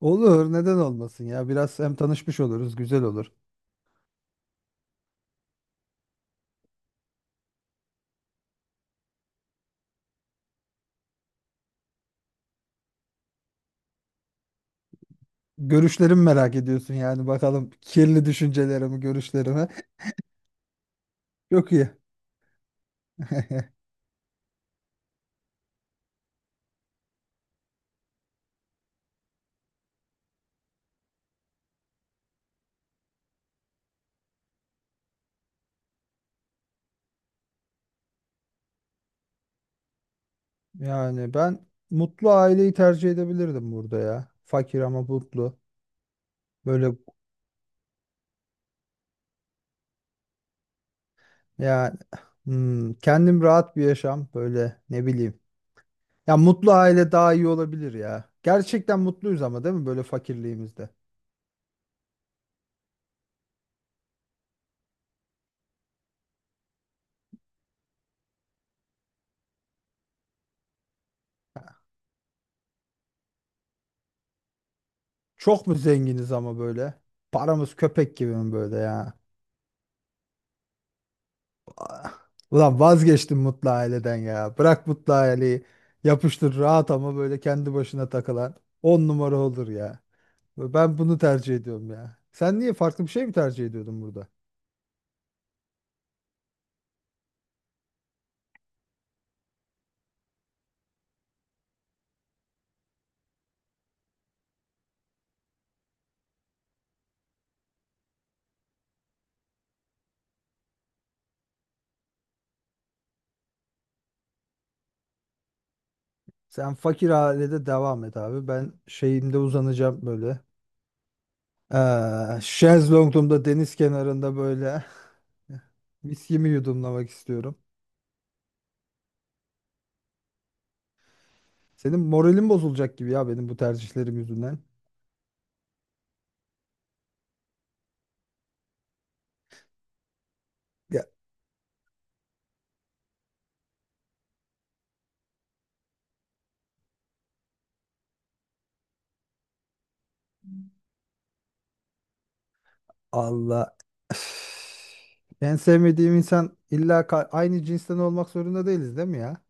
Olur, neden olmasın ya? Biraz hem tanışmış oluruz, güzel olur. Görüşlerimi merak ediyorsun yani bakalım kirli düşüncelerimi, görüşlerimi. Çok iyi. Yani ben mutlu aileyi tercih edebilirdim burada ya. Fakir ama mutlu. Böyle yani kendim rahat bir yaşam böyle ne bileyim. Ya mutlu aile daha iyi olabilir ya. Gerçekten mutluyuz ama değil mi böyle fakirliğimizde? Çok mu zenginiz ama böyle? Paramız köpek gibi mi böyle ya? Ulan vazgeçtim mutlu aileden ya. Bırak mutlu aileyi. Yapıştır rahat ama böyle kendi başına takılan. On numara olur ya. Ben bunu tercih ediyorum ya. Sen niye farklı bir şey mi tercih ediyordun burada? Sen fakir ailede devam et abi. Ben şeyimde uzanacağım böyle. Şezlongumda deniz kenarında böyle viskimi yudumlamak istiyorum. Senin moralin bozulacak gibi ya benim bu tercihlerim yüzünden. Allah. Üf. En sevmediğim insan illa aynı cinsten olmak zorunda değiliz değil mi ya?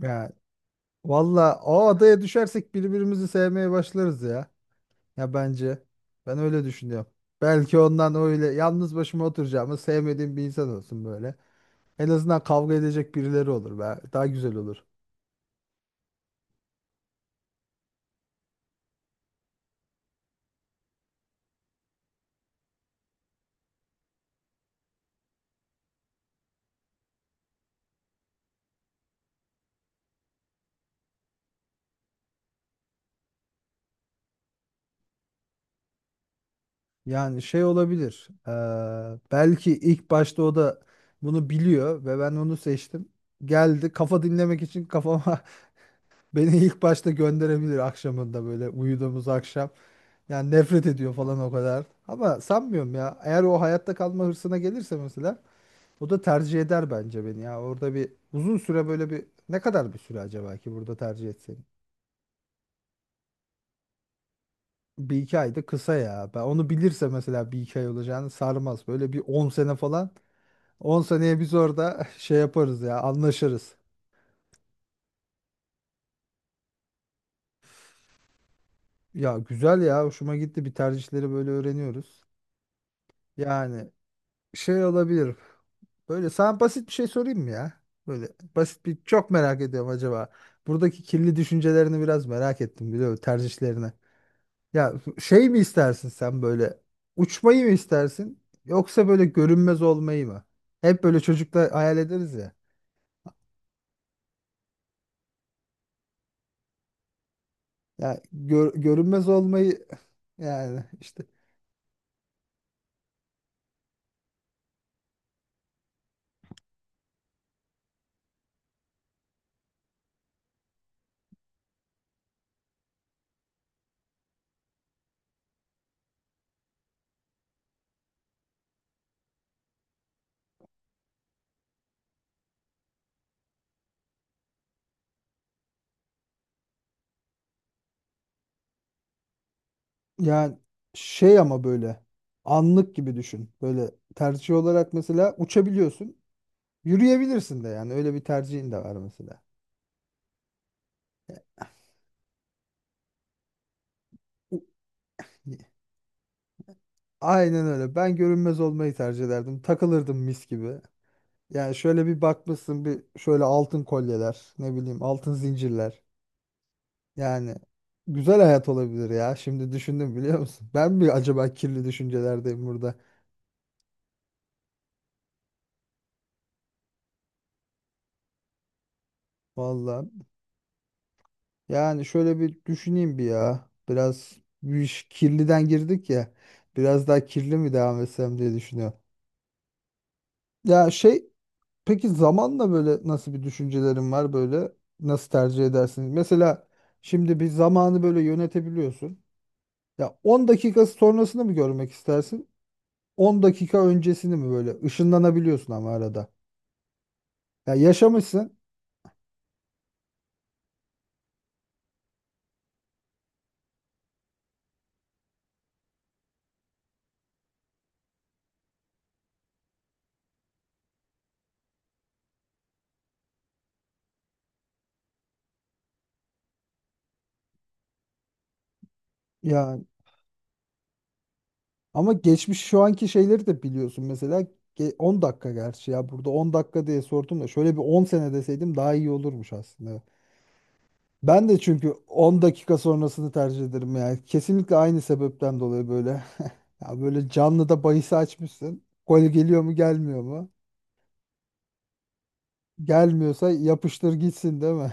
Ya valla o adaya düşersek birbirimizi sevmeye başlarız ya. Ya bence. Ben öyle düşünüyorum. Belki ondan öyle yalnız başıma oturacağımı sevmediğim bir insan olsun böyle. En azından kavga edecek birileri olur be. Daha güzel olur. Yani şey olabilir. Belki ilk başta o da bunu biliyor ve ben onu seçtim. Geldi kafa dinlemek için kafama. Beni ilk başta gönderebilir akşamında böyle uyuduğumuz akşam. Yani nefret ediyor falan o kadar. Ama sanmıyorum ya. Eğer o hayatta kalma hırsına gelirse mesela o da tercih eder bence beni ya. Orada bir uzun süre böyle bir ne kadar bir süre acaba ki burada tercih etsen? Bir iki ay da kısa ya. Ben onu bilirse mesela bir iki ay olacağını sarmaz. Böyle bir 10 sene falan. 10 seneye biz orada şey yaparız ya anlaşırız. Ya güzel ya hoşuma gitti bir tercihleri böyle öğreniyoruz. Yani şey olabilir. Böyle sana basit bir şey sorayım mı ya? Böyle basit bir çok merak ediyorum acaba. Buradaki kirli düşüncelerini biraz merak ettim biliyor musun? Tercihlerini. Ya şey mi istersin sen böyle uçmayı mı istersin yoksa böyle görünmez olmayı mı? Hep böyle çocuklar hayal ederiz ya. Ya görünmez olmayı yani işte yani şey ama böyle anlık gibi düşün. Böyle tercih olarak mesela uçabiliyorsun. Yürüyebilirsin de yani öyle bir tercihin de var mesela. Aynen öyle. Ben görünmez olmayı tercih ederdim. Takılırdım mis gibi. Yani şöyle bir bakmışsın bir şöyle altın kolyeler, ne bileyim altın zincirler. Yani güzel hayat olabilir ya. Şimdi düşündüm biliyor musun? Ben mi acaba kirli düşüncelerdeyim burada? Vallahi. Yani şöyle bir düşüneyim bir ya. Biraz bir iş kirliden girdik ya. Biraz daha kirli mi devam etsem diye düşünüyorum. Ya şey. Peki zamanla böyle nasıl bir düşüncelerin var böyle nasıl tercih edersin? Mesela şimdi bir zamanı böyle yönetebiliyorsun. Ya 10 dakika sonrasını mı görmek istersin? 10 dakika öncesini mi böyle ışınlanabiliyorsun ama arada. Ya yaşamışsın. Yani ama geçmiş şu anki şeyleri de biliyorsun mesela 10 dakika gerçi ya burada 10 dakika diye sordum da şöyle bir 10 sene deseydim daha iyi olurmuş aslında. Ben de çünkü 10 dakika sonrasını tercih ederim yani. Kesinlikle aynı sebepten dolayı böyle. Ya böyle canlı da bahis açmışsın. Gol geliyor mu gelmiyor mu? Gelmiyorsa yapıştır gitsin değil mi?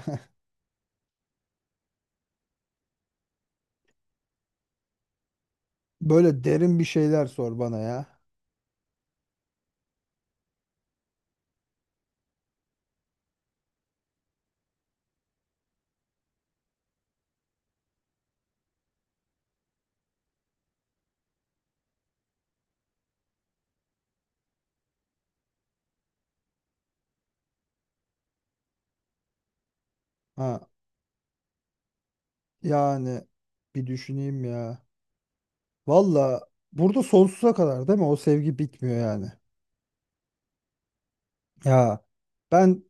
Böyle derin bir şeyler sor bana ya. Ha, yani bir düşüneyim ya. Valla burada sonsuza kadar değil mi? O sevgi bitmiyor yani. Ya ben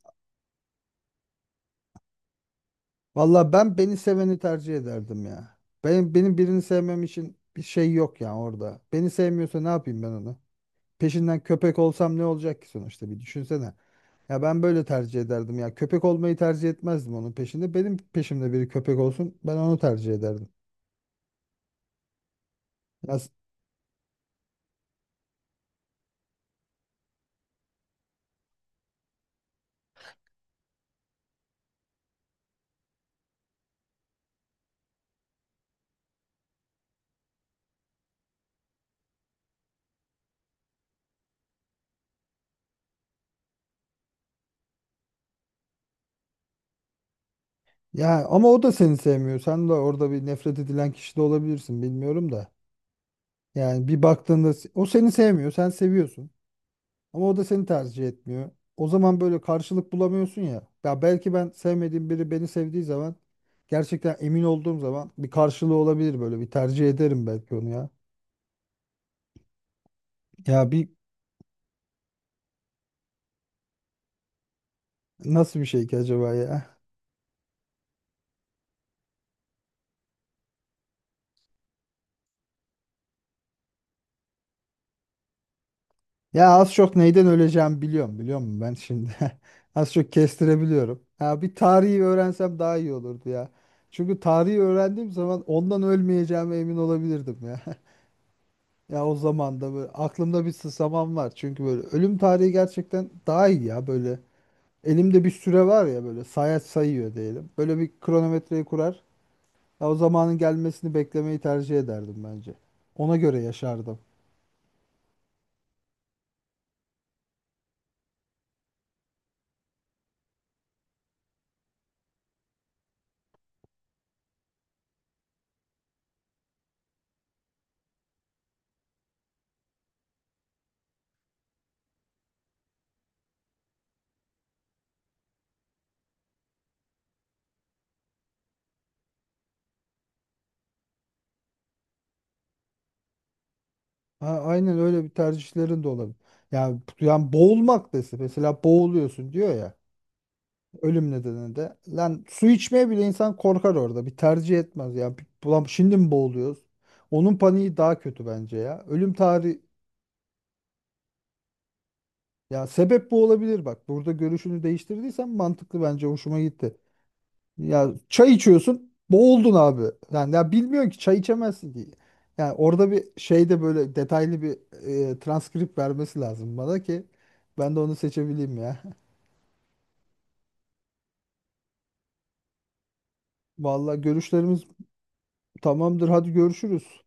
Valla ben beni seveni tercih ederdim ya. Benim birini sevmem için bir şey yok ya orada. Beni sevmiyorsa ne yapayım ben onu? Peşinden köpek olsam ne olacak ki sonuçta bir düşünsene. Ya ben böyle tercih ederdim ya. Köpek olmayı tercih etmezdim onun peşinde. Benim peşimde biri köpek olsun ben onu tercih ederdim. Ya, ya ama o da seni sevmiyor. Sen de orada bir nefret edilen kişi de olabilirsin bilmiyorum da. Yani bir baktığında o seni sevmiyor, sen seviyorsun. Ama o da seni tercih etmiyor. O zaman böyle karşılık bulamıyorsun ya. Ya belki ben sevmediğim biri beni sevdiği zaman gerçekten emin olduğum zaman bir karşılığı olabilir böyle bir tercih ederim belki onu ya. Ya bir nasıl bir şey ki acaba ya? Ya az çok neyden öleceğimi biliyorum biliyor musun ben şimdi? Az çok kestirebiliyorum. Ya bir tarihi öğrensem daha iyi olurdu ya. Çünkü tarihi öğrendiğim zaman ondan ölmeyeceğime emin olabilirdim ya. Ya o zaman da böyle aklımda bir sısamam var. Çünkü böyle ölüm tarihi gerçekten daha iyi ya böyle. Elimde bir süre var ya böyle sayaç sayıyor diyelim. Böyle bir kronometreyi kurar. Ya o zamanın gelmesini beklemeyi tercih ederdim bence. Ona göre yaşardım. Ha, aynen öyle bir tercihlerin de olabilir. Yani, boğulmak desin. Mesela boğuluyorsun diyor ya. Ölüm nedeninde. Lan su içmeye bile insan korkar orada. Bir tercih etmez. Ya ulan şimdi mi boğuluyoruz? Onun paniği daha kötü bence ya. Ölüm tarihi. Ya sebep bu olabilir bak. Burada görüşünü değiştirdiysen mantıklı bence hoşuma gitti. Ya çay içiyorsun, boğuldun abi. Yani ya bilmiyorsun ki çay içemezsin ki. Yani orada bir şeyde böyle detaylı bir transkript vermesi lazım bana ki ben de onu seçebileyim ya. Vallahi görüşlerimiz tamamdır. Hadi görüşürüz.